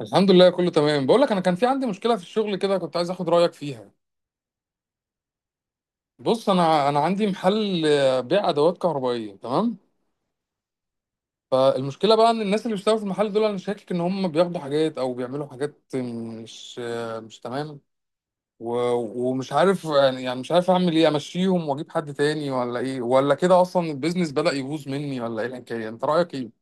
الحمد لله، كله تمام. بقول لك، انا كان في عندي مشكله في الشغل كده، كنت عايز اخد رايك فيها. بص، انا عندي محل، بيع ادوات كهربائيه، تمام. فالمشكله بقى ان الناس اللي بيشتغلوا في المحل دول انا شاكك ان هم بياخدوا حاجات او بيعملوا حاجات مش تمام. ومش عارف، يعني مش عارف اعمل ايه؟ امشيهم واجيب حد تاني ولا ايه، ولا كده اصلا البيزنس بدأ يبوظ مني، ولا ايه الحكايه؟ انت رايك ايه؟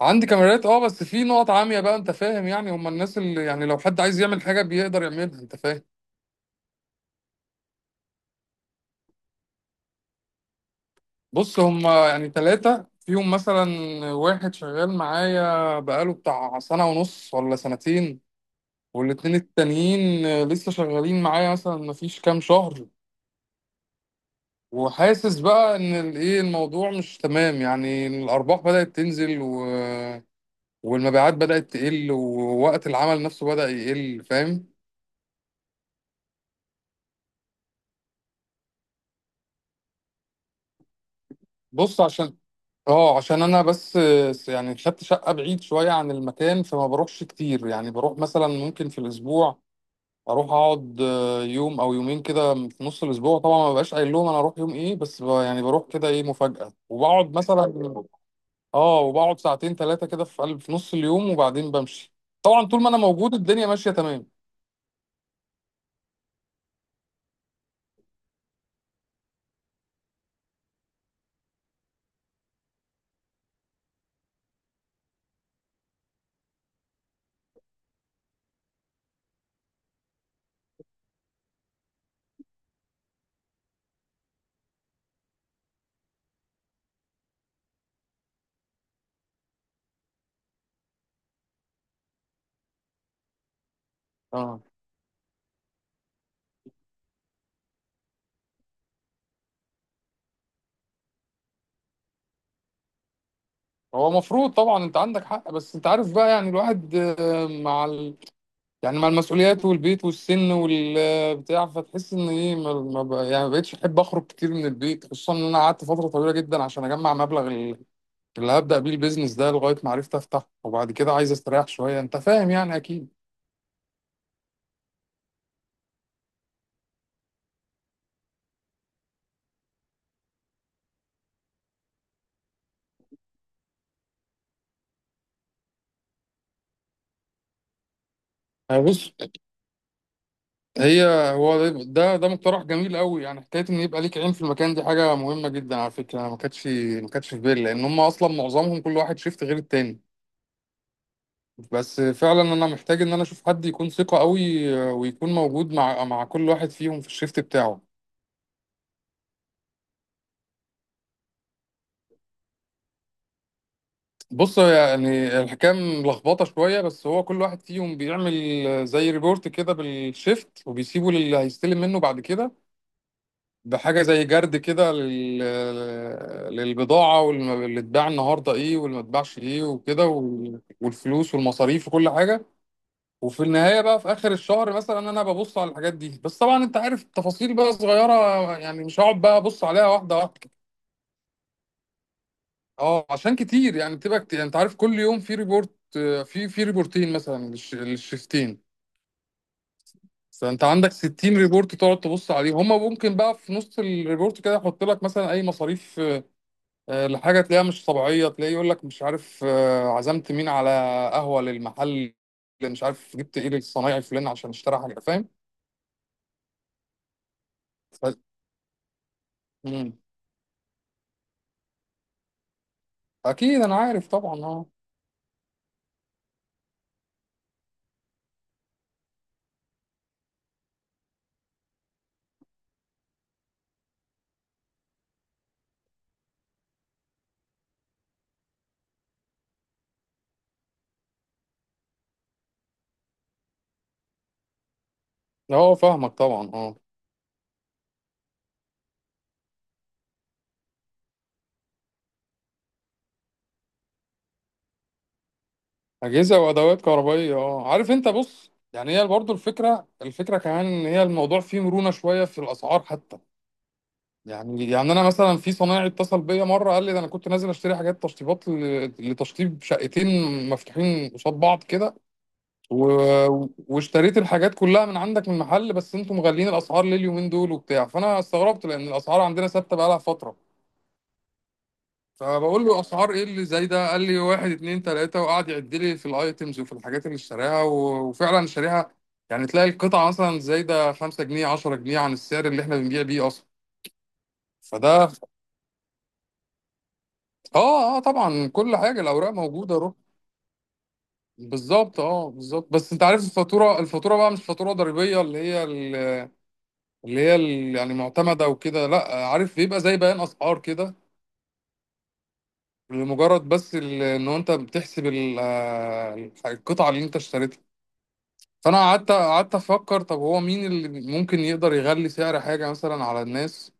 عندي كاميرات اه، بس في نقط عاميه بقى، انت فاهم. يعني هم الناس اللي، يعني لو حد عايز يعمل حاجه بيقدر يعملها، انت فاهم. بص، هما يعني ثلاثة فيهم مثلا. واحد شغال معايا بقاله بتاع سنة ونص ولا سنتين. والاتنين التانيين لسه شغالين معايا مثلا مفيش كام شهر. وحاسس بقى ان الايه، الموضوع مش تمام، يعني الارباح بدأت تنزل و... والمبيعات بدأت تقل، ووقت العمل نفسه بدأ يقل، فاهم. بص عشان، اه عشان انا بس، يعني خدت شقه بعيد شويه عن المكان، فما بروحش كتير. يعني بروح مثلا ممكن في الاسبوع، اروح اقعد يوم او يومين كده في نص الاسبوع. طبعا ما ببقاش قايل لهم انا هروح يوم ايه، بس يعني بروح كده ايه مفاجأة وبقعد مثلا، اه وبقعد ساعتين ثلاثة كده في نص اليوم وبعدين بمشي. طبعا طول ما انا موجود الدنيا ماشية تمام. اه، هو مفروض طبعا، انت عندك حق، بس انت عارف بقى، يعني الواحد يعني مع المسؤوليات والبيت والسن والبتاع، فتحس ان ايه، ما ما ب... يعني ما بقتش احب اخرج كتير من البيت، خصوصا ان انا قعدت فترة طويلة جدا عشان اجمع مبلغ اللي هبدأ بيه البيزنس ده، لغاية ما عرفت أفتحه، وبعد كده عايز أستريح شوية، أنت فاهم يعني أكيد. يعني بص، هي، هو ده مقترح جميل قوي، يعني حكاية إن يبقى ليك عين في المكان دي حاجة مهمة جدا على فكرة. ما كانتش، ما كانتش في بالي، لأن هم أصلا معظمهم كل واحد شيفت غير التاني. بس فعلا أنا محتاج إن أنا أشوف حد يكون ثقة قوي، ويكون موجود مع كل واحد فيهم في الشيفت بتاعه. بص، هو يعني الحكام لخبطه شويه، بس هو كل واحد فيهم بيعمل زي ريبورت كده بالشيفت، وبيسيبه للي هيستلم منه بعد كده، بحاجه زي جرد كده، للبضاعه، واللي اتباع النهارده ايه، واللي ما اتباعش ايه وكده، والفلوس والمصاريف وكل حاجه. وفي النهايه بقى في اخر الشهر مثلا انا ببص على الحاجات دي، بس طبعا انت عارف، التفاصيل بقى صغيره، يعني مش هقعد بقى ابص عليها واحده واحده. اه عشان كتير، يعني بتبقى كتير، انت عارف كل يوم في ريبورت، في ريبورتين مثلا للشيفتين. فانت عندك 60 ريبورت تقعد تبص عليهم، هما ممكن بقى في نص الريبورت كده يحط لك مثلا اي مصاريف، لحاجه تلاقيها مش طبيعيه، تلاقيه يقول لك مش عارف، عزمت مين على قهوه للمحل، مش عارف جبت ايه للصنايعي فلان عشان اشترى حاجه، فاهم. ف... مم. اكيد انا عارف طبعا، اه. اه فاهمك طبعا، اه. اجهزه وادوات كهربائيه، اه. عارف انت، بص، يعني هي برضو الفكره، الفكره كمان ان هي الموضوع فيه مرونه شويه في الاسعار حتى. يعني، انا مثلا في صنايعي اتصل بيا مره، قال لي ده انا كنت نازل اشتري حاجات تشطيبات لتشطيب شقتين مفتوحين قصاد بعض كده، و... واشتريت الحاجات كلها من عندك، من محل، بس انتم مغلين الاسعار ليه اليومين دول وبتاع؟ فانا استغربت لان الاسعار عندنا ثابته بقالها فتره. فبقول له اسعار ايه اللي زي ده؟ قال لي واحد اتنين تلاته، وقعد يعد لي في الايتمز وفي الحاجات اللي اشتراها وفعلا شاريها. يعني تلاقي القطعه مثلا زايده 5 جنيه 10 جنيه عن السعر اللي احنا بنبيع بيه اصلا. فده، اه اه طبعا، كل حاجه الاوراق موجوده، روح. بالظبط اه، بالظبط. بس انت عارف الفاتوره، الفاتوره بقى مش فاتوره ضريبيه، اللي هي اللي هي يعني معتمده وكده، لا. عارف بيبقى زي بيان اسعار كده، لمجرد بس ان انت بتحسب القطعه اللي انت اشتريتها. فانا قعدت، افكر، طب هو مين اللي ممكن يقدر يغلي سعر حاجه مثلا على الناس؟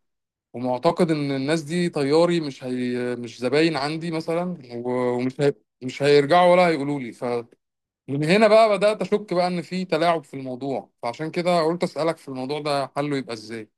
ومعتقد ان الناس دي طياري، مش هي، مش زباين عندي مثلا، ومش هي، مش هيرجعوا ولا هيقولوا لي. ف من هنا بقى بدات اشك بقى ان في تلاعب في الموضوع، فعشان كده قلت اسالك في الموضوع ده، حله يبقى ازاي.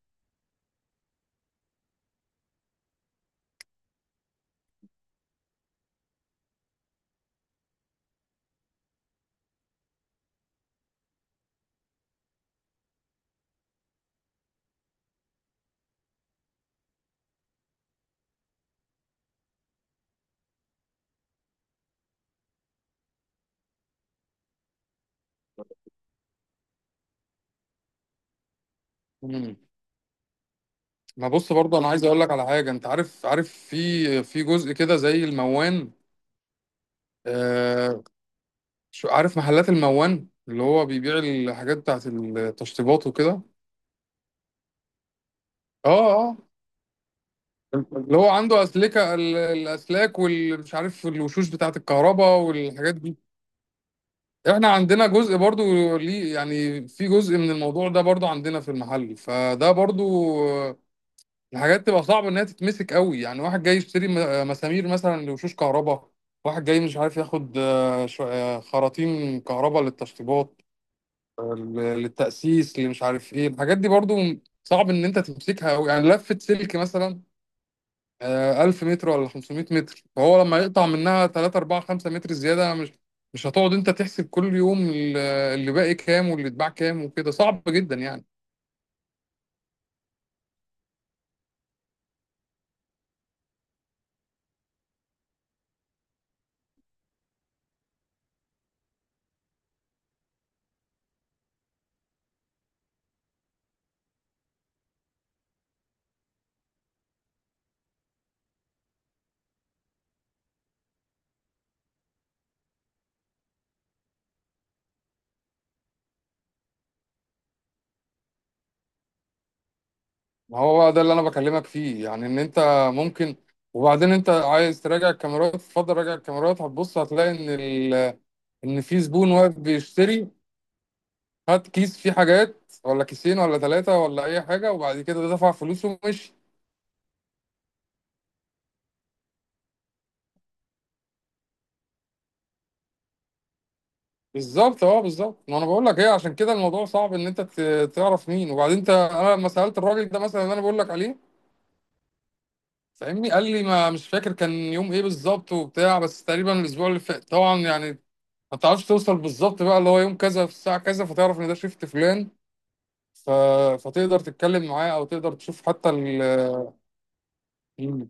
مم. ما بص برضه، انا عايز اقول لك على حاجه. انت عارف، في جزء كده زي الموان. آه عارف محلات الموان اللي هو بيبيع الحاجات بتاعت التشطيبات وكده. اه. اه. اللي هو عنده الاسلاك والمش عارف الوشوش بتاعه الكهرباء والحاجات دي. احنا عندنا جزء برضو ليه، يعني في جزء من الموضوع ده برضو عندنا في المحل، فده برضو، آه، الحاجات تبقى صعبه انها تتمسك قوي، يعني واحد جاي يشتري مسامير مثلا لوشوش كهرباء، واحد جاي مش عارف ياخد خراطيم كهرباء للتشطيبات، آه، للتأسيس، اللي مش عارف ايه الحاجات دي. برضو صعب ان انت تمسكها قوي، يعني لفة سلك مثلا 1000 متر ولا 500 متر، فهو لما يقطع منها 3 4 5 متر زيادة، مش هتقعد انت تحسب كل يوم اللي باقي كام واللي اتباع كام وكده، صعب جدا يعني. ما هو بقى ده اللي انا بكلمك فيه، يعني ان انت ممكن. وبعدين انت عايز تراجع الكاميرات، تفضل راجع الكاميرات، هتبص هتلاقي ان في زبون واقف بيشتري، هات كيس فيه حاجات ولا كيسين ولا ثلاثة ولا اي حاجة، وبعد كده دفع فلوسه ومشي. بالظبط اه، بالظبط. ما انا بقول لك ايه، عشان كده الموضوع صعب ان انت تعرف مين. وبعدين انا لما سالت الراجل ده مثلا اللي انا بقول لك عليه، فاهمني، قال لي ما مش فاكر كان يوم ايه بالظبط وبتاع، بس تقريبا الاسبوع اللي فات طبعا. يعني ما تعرفش توصل بالظبط بقى اللي هو يوم كذا في الساعه كذا، فتعرف ان ده شيفت فلان. ف... فتقدر تتكلم معاه، او تقدر تشوف حتى ال، ال-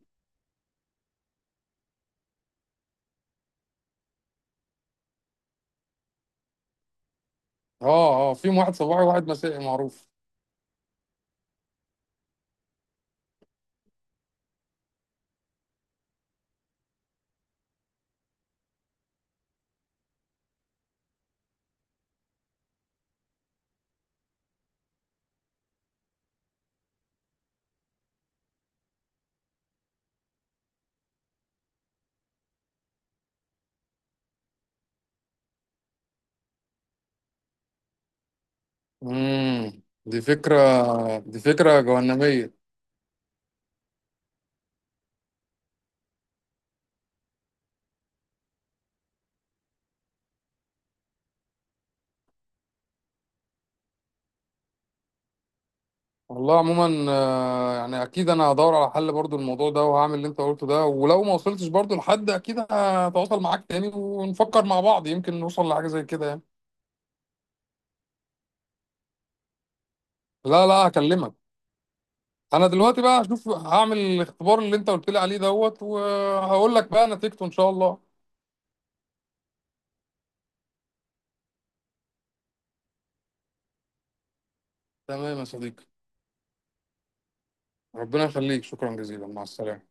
اه اه، فيهم واحد صباحي وواحد مسائي معروف. دي فكره، دي فكره جهنميه. والله عموما يعني اكيد انا هدور على حل برضو الموضوع ده، وهعمل اللي انت قلته ده، ولو ما وصلتش برضو لحد اكيد هتواصل معاك تاني، ونفكر مع بعض، يمكن نوصل لحاجة زي كده يعني. لا لا، هكلمك. انا دلوقتي بقى هشوف هعمل الاختبار اللي انت قلت لي عليه دوت، وهقول لك بقى نتيجته ان شاء الله. تمام يا صديقي. ربنا يخليك، شكرا جزيلا، مع السلامة.